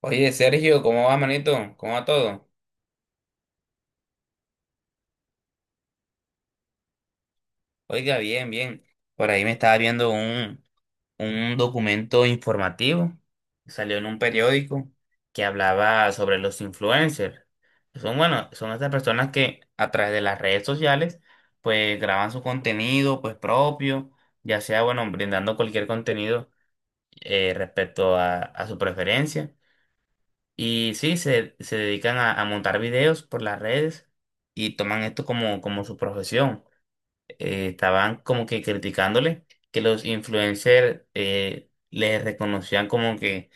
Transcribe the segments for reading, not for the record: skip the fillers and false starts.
Oye, Sergio, ¿cómo va, manito? ¿Cómo va todo? Oiga, bien, bien. Por ahí me estaba viendo un documento informativo, salió en un periódico que hablaba sobre los influencers. Son, bueno, son estas personas que a través de las redes sociales, pues graban su contenido, pues propio, ya sea, bueno, brindando cualquier contenido respecto a su preferencia. Y sí, se dedican a montar videos por las redes y toman esto como, como su profesión. Estaban como que criticándole que los influencers les reconocían como que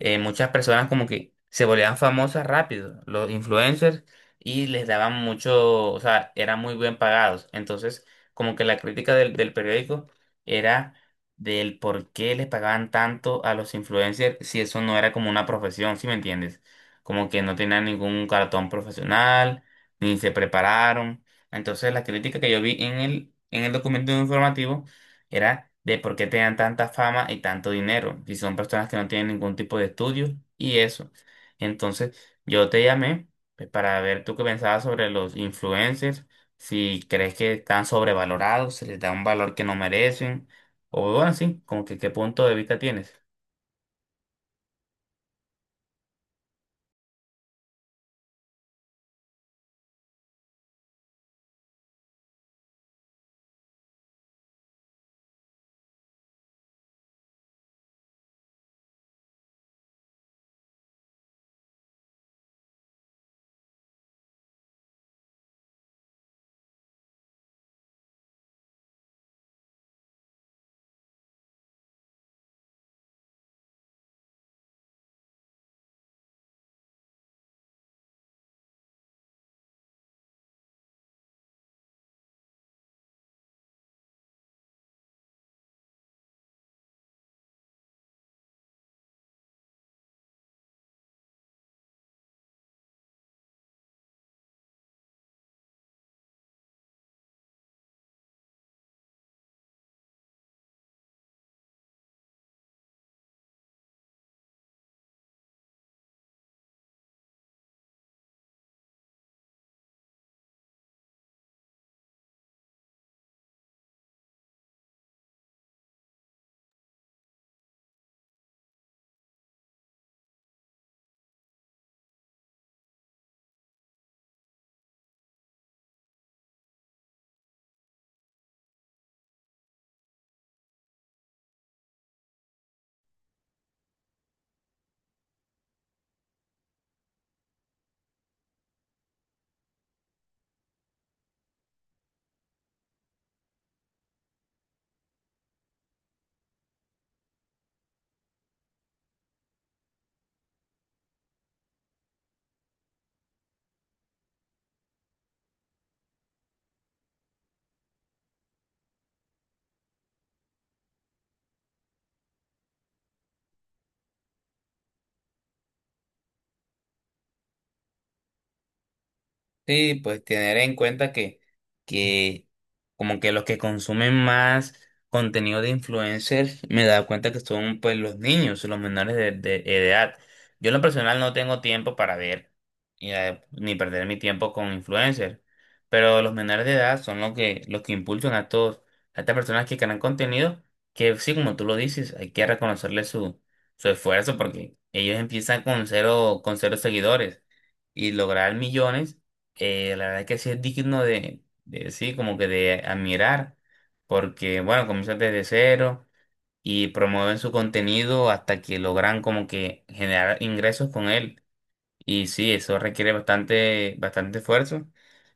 muchas personas como que se volvían famosas rápido, los influencers, y les daban mucho, o sea, eran muy bien pagados. Entonces, como que la crítica del periódico era del por qué les pagaban tanto a los influencers si eso no era como una profesión, ¿sí me entiendes? Como que no tenían ningún cartón profesional, ni se prepararon. Entonces, la crítica que yo vi en en el documento informativo era de por qué tenían tanta fama y tanto dinero, si son personas que no tienen ningún tipo de estudio y eso. Entonces, yo te llamé pues, para ver tú qué pensabas sobre los influencers, si crees que están sobrevalorados, se les da un valor que no merecen, o bueno, sí, como que qué punto de vista tienes. Sí, pues tener en cuenta que como que los que consumen más contenido de influencers, me he dado cuenta que son pues los niños, los menores de edad. Yo en lo personal no tengo tiempo para ver y, ni perder mi tiempo con influencers, pero los menores de edad son los los que impulsan a todos, a estas personas que crean contenido, que sí, como tú lo dices, hay que reconocerle su, su esfuerzo porque ellos empiezan con cero seguidores y lograr millones la verdad que sí es digno de, sí, como que de admirar, porque bueno, comienzan desde cero y promueven su contenido hasta que logran como que generar ingresos con él. Y sí, eso requiere bastante, bastante esfuerzo.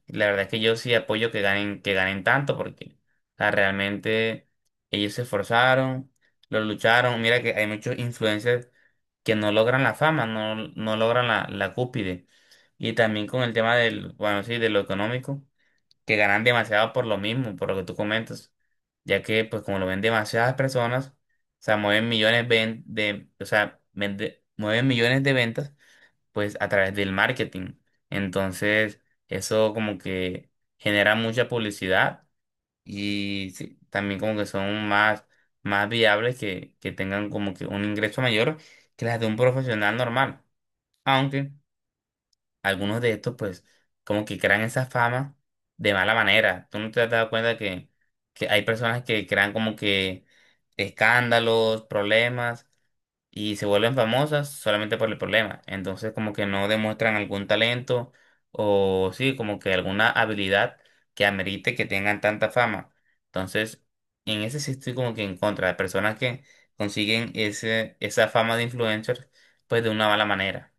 La verdad es que yo sí apoyo que ganen tanto, porque o sea, realmente ellos se esforzaron, lo lucharon. Mira que hay muchos influencers que no logran la fama, no, no logran la, la cúspide. Y también con el tema del, bueno, sí, de lo económico, que ganan demasiado por lo mismo, por lo que tú comentas. Ya que, pues, como lo ven demasiadas personas, o sea, mueven millones o sea, mueven millones de ventas pues a través del marketing. Entonces, eso como que genera mucha publicidad y sí, también como que son más, más viables que tengan como que un ingreso mayor que las de un profesional normal. Aunque algunos de estos pues como que crean esa fama de mala manera. ¿Tú no te has dado cuenta que hay personas que crean como que escándalos, problemas? Y se vuelven famosas solamente por el problema. Entonces como que no demuestran algún talento o sí, como que alguna habilidad que amerite que tengan tanta fama. Entonces, en ese sí estoy como que en contra de personas que consiguen ese, esa fama de influencers pues de una mala manera.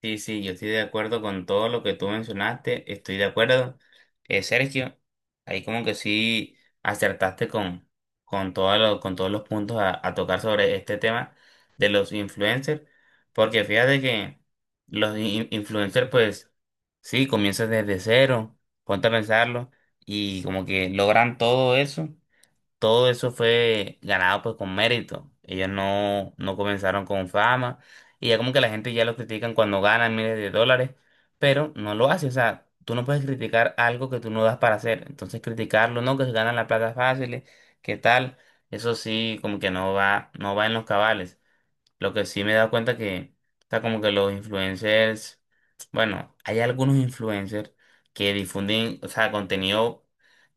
Sí, sí, yo estoy de acuerdo con todo lo que tú mencionaste, estoy de acuerdo. Sergio, ahí como que sí acertaste con, todo con todos los puntos a tocar sobre este tema de los influencers, porque fíjate que los influencers pues sí, comienzan desde cero, ponte a pensarlo, y como que logran todo eso fue ganado pues con mérito. Ellos no, no comenzaron con fama y ya como que la gente ya los critican cuando ganan miles de dólares, pero no lo hace. O sea, tú no puedes criticar algo que tú no das para hacer. Entonces criticarlo, no, que se ganan la plata fácil, ¿qué tal? Eso sí, como que no va, no va en los cabales. Lo que sí me he dado cuenta que, está como que los influencers, bueno, hay algunos influencers que difunden, o sea, contenido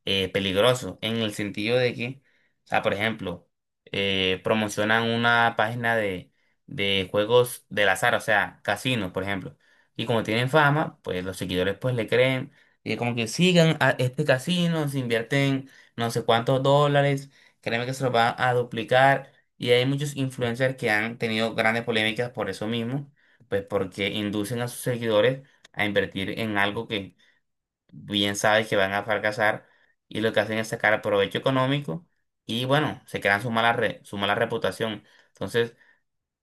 peligroso, en el sentido de que, o sea, por ejemplo, promocionan una página de juegos del azar, o sea, casinos, por ejemplo. Y como tienen fama, pues los seguidores pues le creen y es como que sigan a este casino, se invierten no sé cuántos dólares, créeme que se los van a duplicar y hay muchos influencers que han tenido grandes polémicas por eso mismo, pues porque inducen a sus seguidores a invertir en algo que bien saben que van a fracasar y lo que hacen es sacar provecho económico y bueno, se crean su mala su mala reputación. Entonces,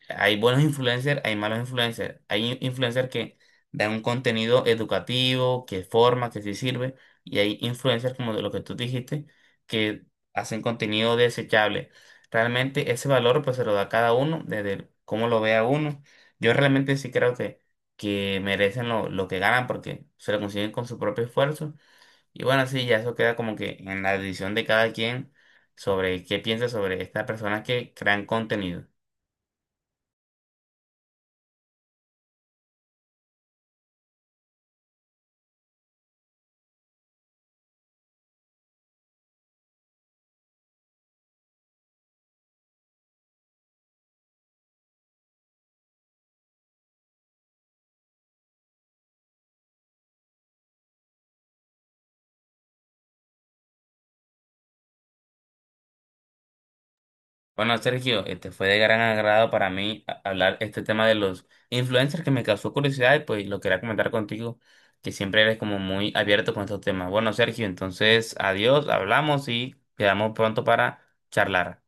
hay buenos influencers, hay malos influencers. Hay influencers que dan un contenido educativo, que forma, que sí sirve. Y hay influencers, como de lo que tú dijiste, que hacen contenido desechable. Realmente ese valor pues se lo da a cada uno, desde el cómo lo vea uno. Yo realmente sí creo que merecen lo que ganan porque se lo consiguen con su propio esfuerzo. Y bueno, sí, ya eso queda como que en la decisión de cada quien sobre qué piensa sobre estas personas que crean contenido. Bueno, Sergio, este fue de gran agrado para mí hablar este tema de los influencers que me causó curiosidad y pues lo quería comentar contigo, que siempre eres como muy abierto con estos temas. Bueno, Sergio, entonces adiós, hablamos y quedamos pronto para charlar.